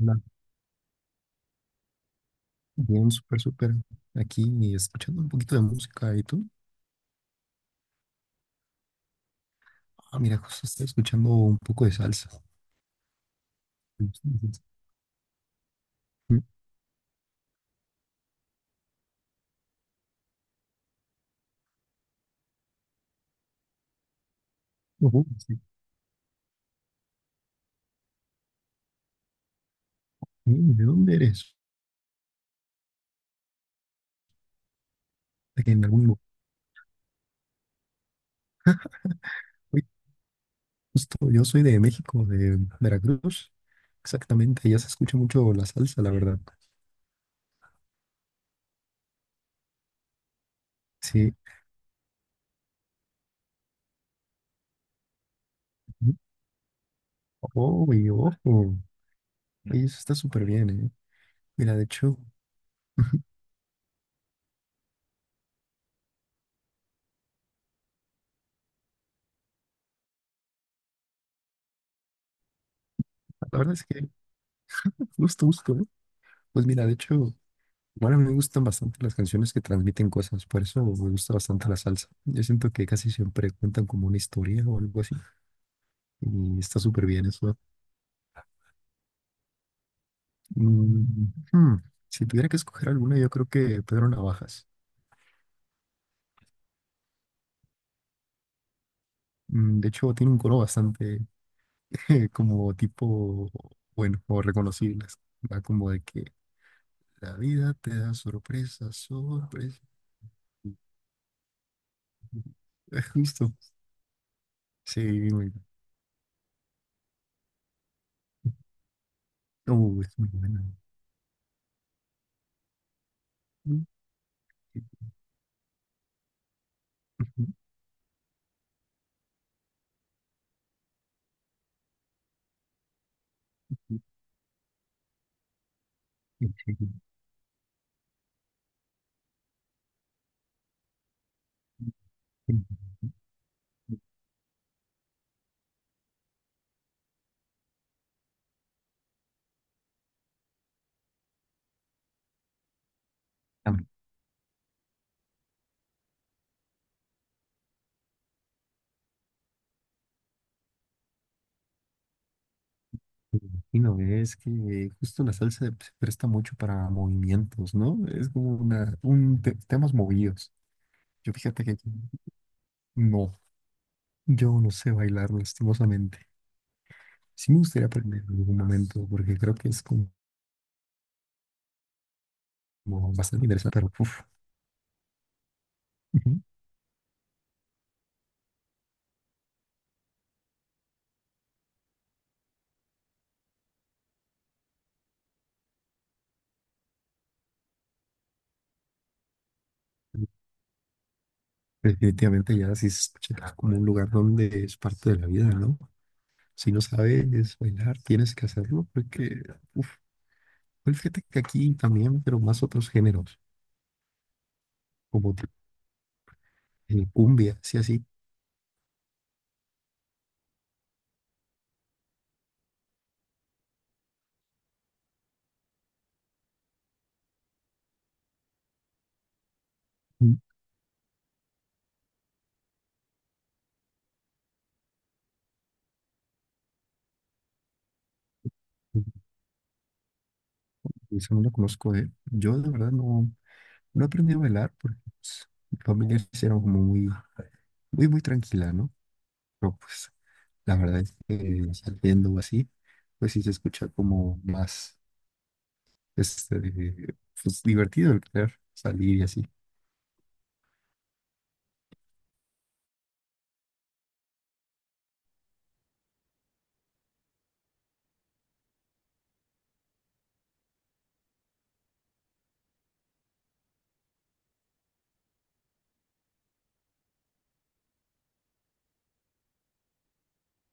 Hola. Bien, súper, súper. Aquí escuchando un poquito de música. ¿Y tú? Ah, mira, justo estoy escuchando un poco de salsa. Me gusta la salsa. Mm, ujú, sí. ¿De dónde eres? De que en algún lugar. Oye, justo, yo soy de México, de Veracruz. Exactamente, allá se escucha mucho la salsa, la verdad. Sí. Mm, Oh, y ojo. Oye, eso está súper bien, ¿eh? Mira, de hecho, la verdad es que justo, justo, ¿eh? Pues mira, de hecho. Bueno, me gustan bastante las canciones que transmiten cosas, por eso me gusta bastante la salsa. Yo siento que casi siempre cuentan como una historia o algo así, y está súper bien eso. Mm, hmm, Si tuviera que escoger alguna, yo creo que Pedro Navajas. De hecho, tiene un coro bastante como tipo, bueno, o reconocible. Va como de que la vida te da sorpresas, sorpresas. Justo. Sí, muy, es muy buena. Ah, me imagino, es que justo la salsa se presta mucho para movimientos, ¿no? Es como temas movidos. Yo fíjate que no, yo no sé bailar lastimosamente. Sí me gustaría aprender en algún momento porque creo que es como bastante interesante, pero uf, ujú, definitivamente ya sí se escucha como un lugar donde es parte de la vida, ¿no? Si no sabes bailar, tienes que hacerlo porque, uf, pues fíjate que aquí también, pero más otros géneros, como tipo, cumbia, sí, así. Mm, mm, Esa no la conozco de... Yo de verdad no, no aprendí a bailar porque pues, mi familia sí era como muy, muy, muy tranquila, ¿no? Pero pues la verdad es que saliendo o así, pues sí se escucha como más este, pues, divertido el querer salir y así.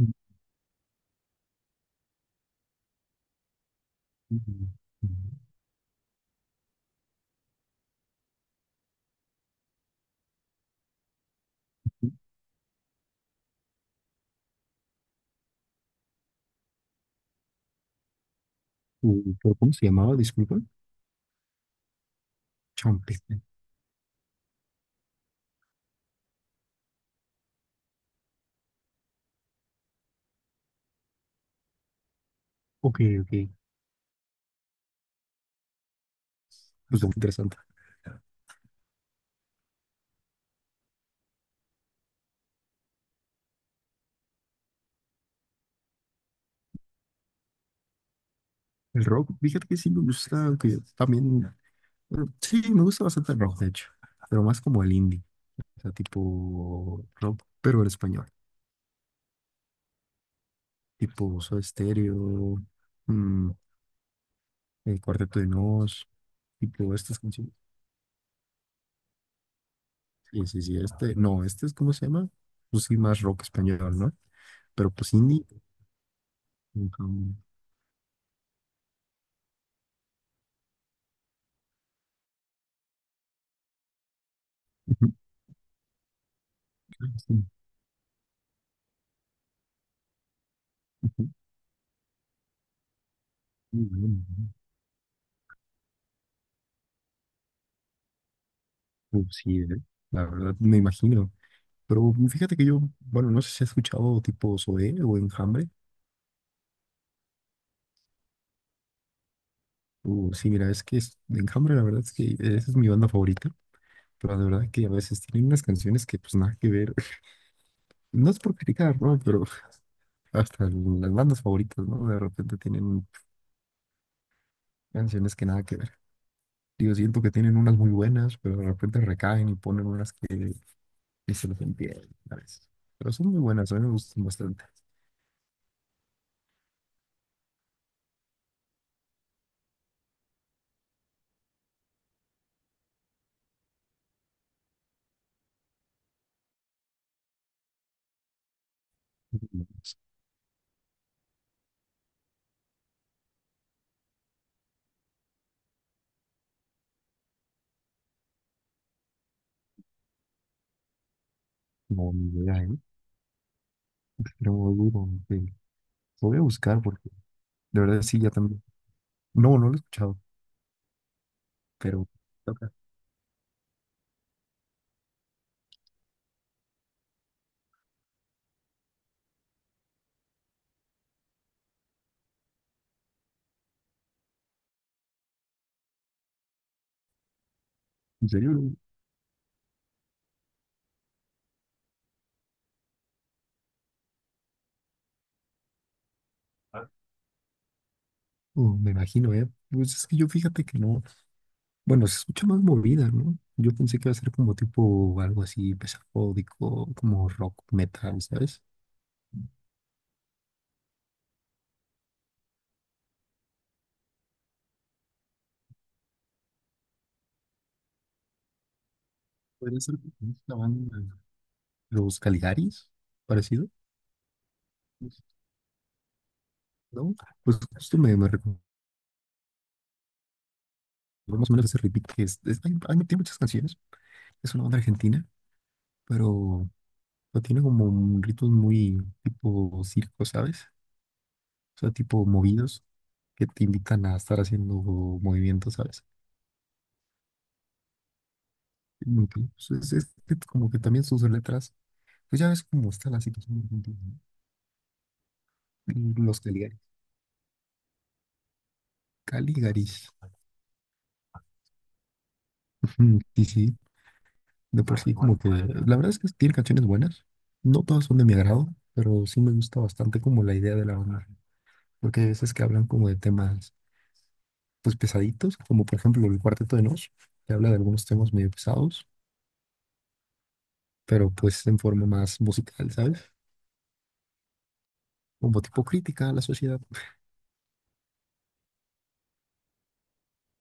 Mm, mm, mm. ¿Pero cómo se llamaba? Disculpa. Champe. Ok, ok. Pues muy interesante. El rock, fíjate que sí me gusta, aunque también, bueno, sí, me gusta bastante el rock, de hecho, pero más como el indie, o sea, tipo rock, pero en español, tipo Soda Stereo, mm, el Cuarteto de Nos, tipo estas canciones. Sí, sí, sí, este, no, este es, ¿cómo se llama? Pues sí, más rock español, ¿no? Pero pues indie. Ujú, ujú, sí, ujú, muy bueno, ¿no? Pues sí, ¿eh? La verdad, me imagino. Pero fíjate que yo, bueno, no sé si has escuchado tipo Zoé o Enjambre. Sí, mira, es que Enjambre, la verdad es que esa es mi banda favorita, pero la verdad que a veces tienen unas canciones que pues nada que ver. No es por criticar, ¿no? Pero hasta las bandas favoritas, ¿no? De repente tienen canciones que nada que ver. Digo, siento que tienen unas muy buenas, pero de repente recaen y ponen unas que se los entienden a veces. Pero son muy buenas, a mí me gustan bastante. No, ni idea, ¿eh? Pero duro, ok. Lo voy a buscar porque de verdad sí, ya también. No, no lo he escuchado, pero toca. ¿En serio, bro? Me imagino, ¿eh? Pues es que yo fíjate que no. Bueno, se escucha más movida, ¿no? Yo pensé que iba a ser como tipo algo así pesafódico, como rock metal, ¿sabes? Podría ser como esta banda, Los Caligaris, parecido, ¿no? Pues justo me recordó más o menos ese ritmo que tiene muchas canciones. Es una banda argentina, pero, pero tiene como un ritmos muy tipo circo, ¿sabes? O sea, tipo movidos que te invitan a estar haciendo movimientos, ¿sabes? Muy bien, pues, es que como que también sus letras, pues ya ves cómo está la situación. De Los Caligari. Caligaris. Ujú. Sí, sí, de por sí como que, la verdad es que tiene canciones buenas. No todas son de mi agrado, pero sí me gusta bastante como la idea de la banda. Porque hay veces que hablan como de temas, pues pesaditos, como por ejemplo el Cuarteto de Nos, que habla de algunos temas medio pesados, pero pues en forma más musical, ¿sabes? Como tipo crítica a la sociedad.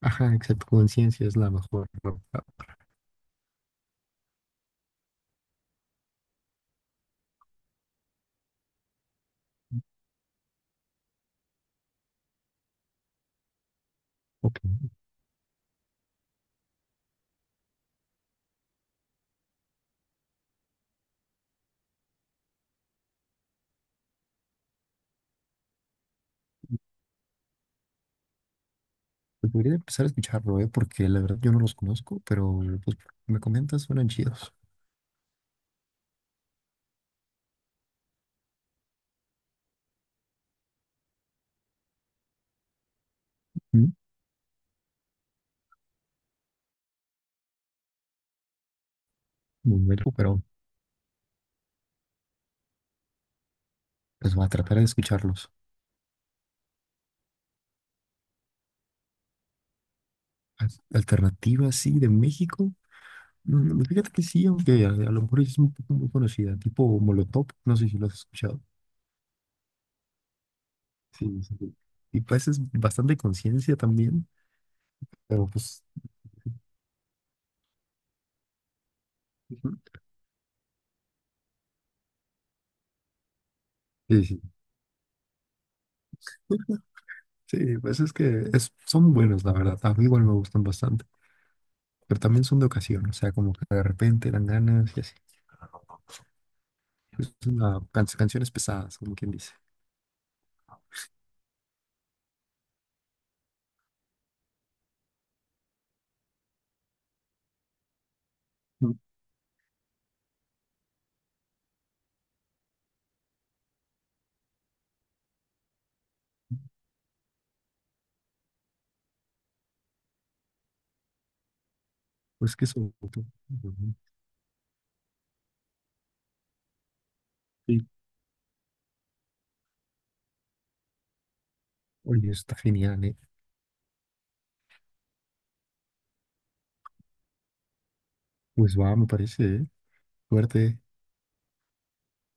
Ajá, excepto conciencia es la mejor. ¿No? Ok. Pues debería de empezar a escucharlo, ¿eh? Porque la verdad yo no los conozco, pero pues me comentas, suenan chidos. Mm, Muy bueno, pero pues va a tratar de escucharlos. Alternativa, sí, de México. Fíjate que sí, aunque a lo mejor es un poco muy conocida, tipo Molotov, no sé si lo has escuchado. Sí, sí, sí. Y pues es bastante conciencia también, pero pues... Ujú, sí, sí. Sí, pues es que son buenos, la verdad. A mí igual me gustan bastante, pero también son de ocasión, o sea, como que de repente dan ganas y así. Es canciones pesadas, como quien dice. Mm. Pues que son. Ujú. Sí. Oye, eso está genial, ¿eh? Pues va, me parece, ¿eh? Suerte.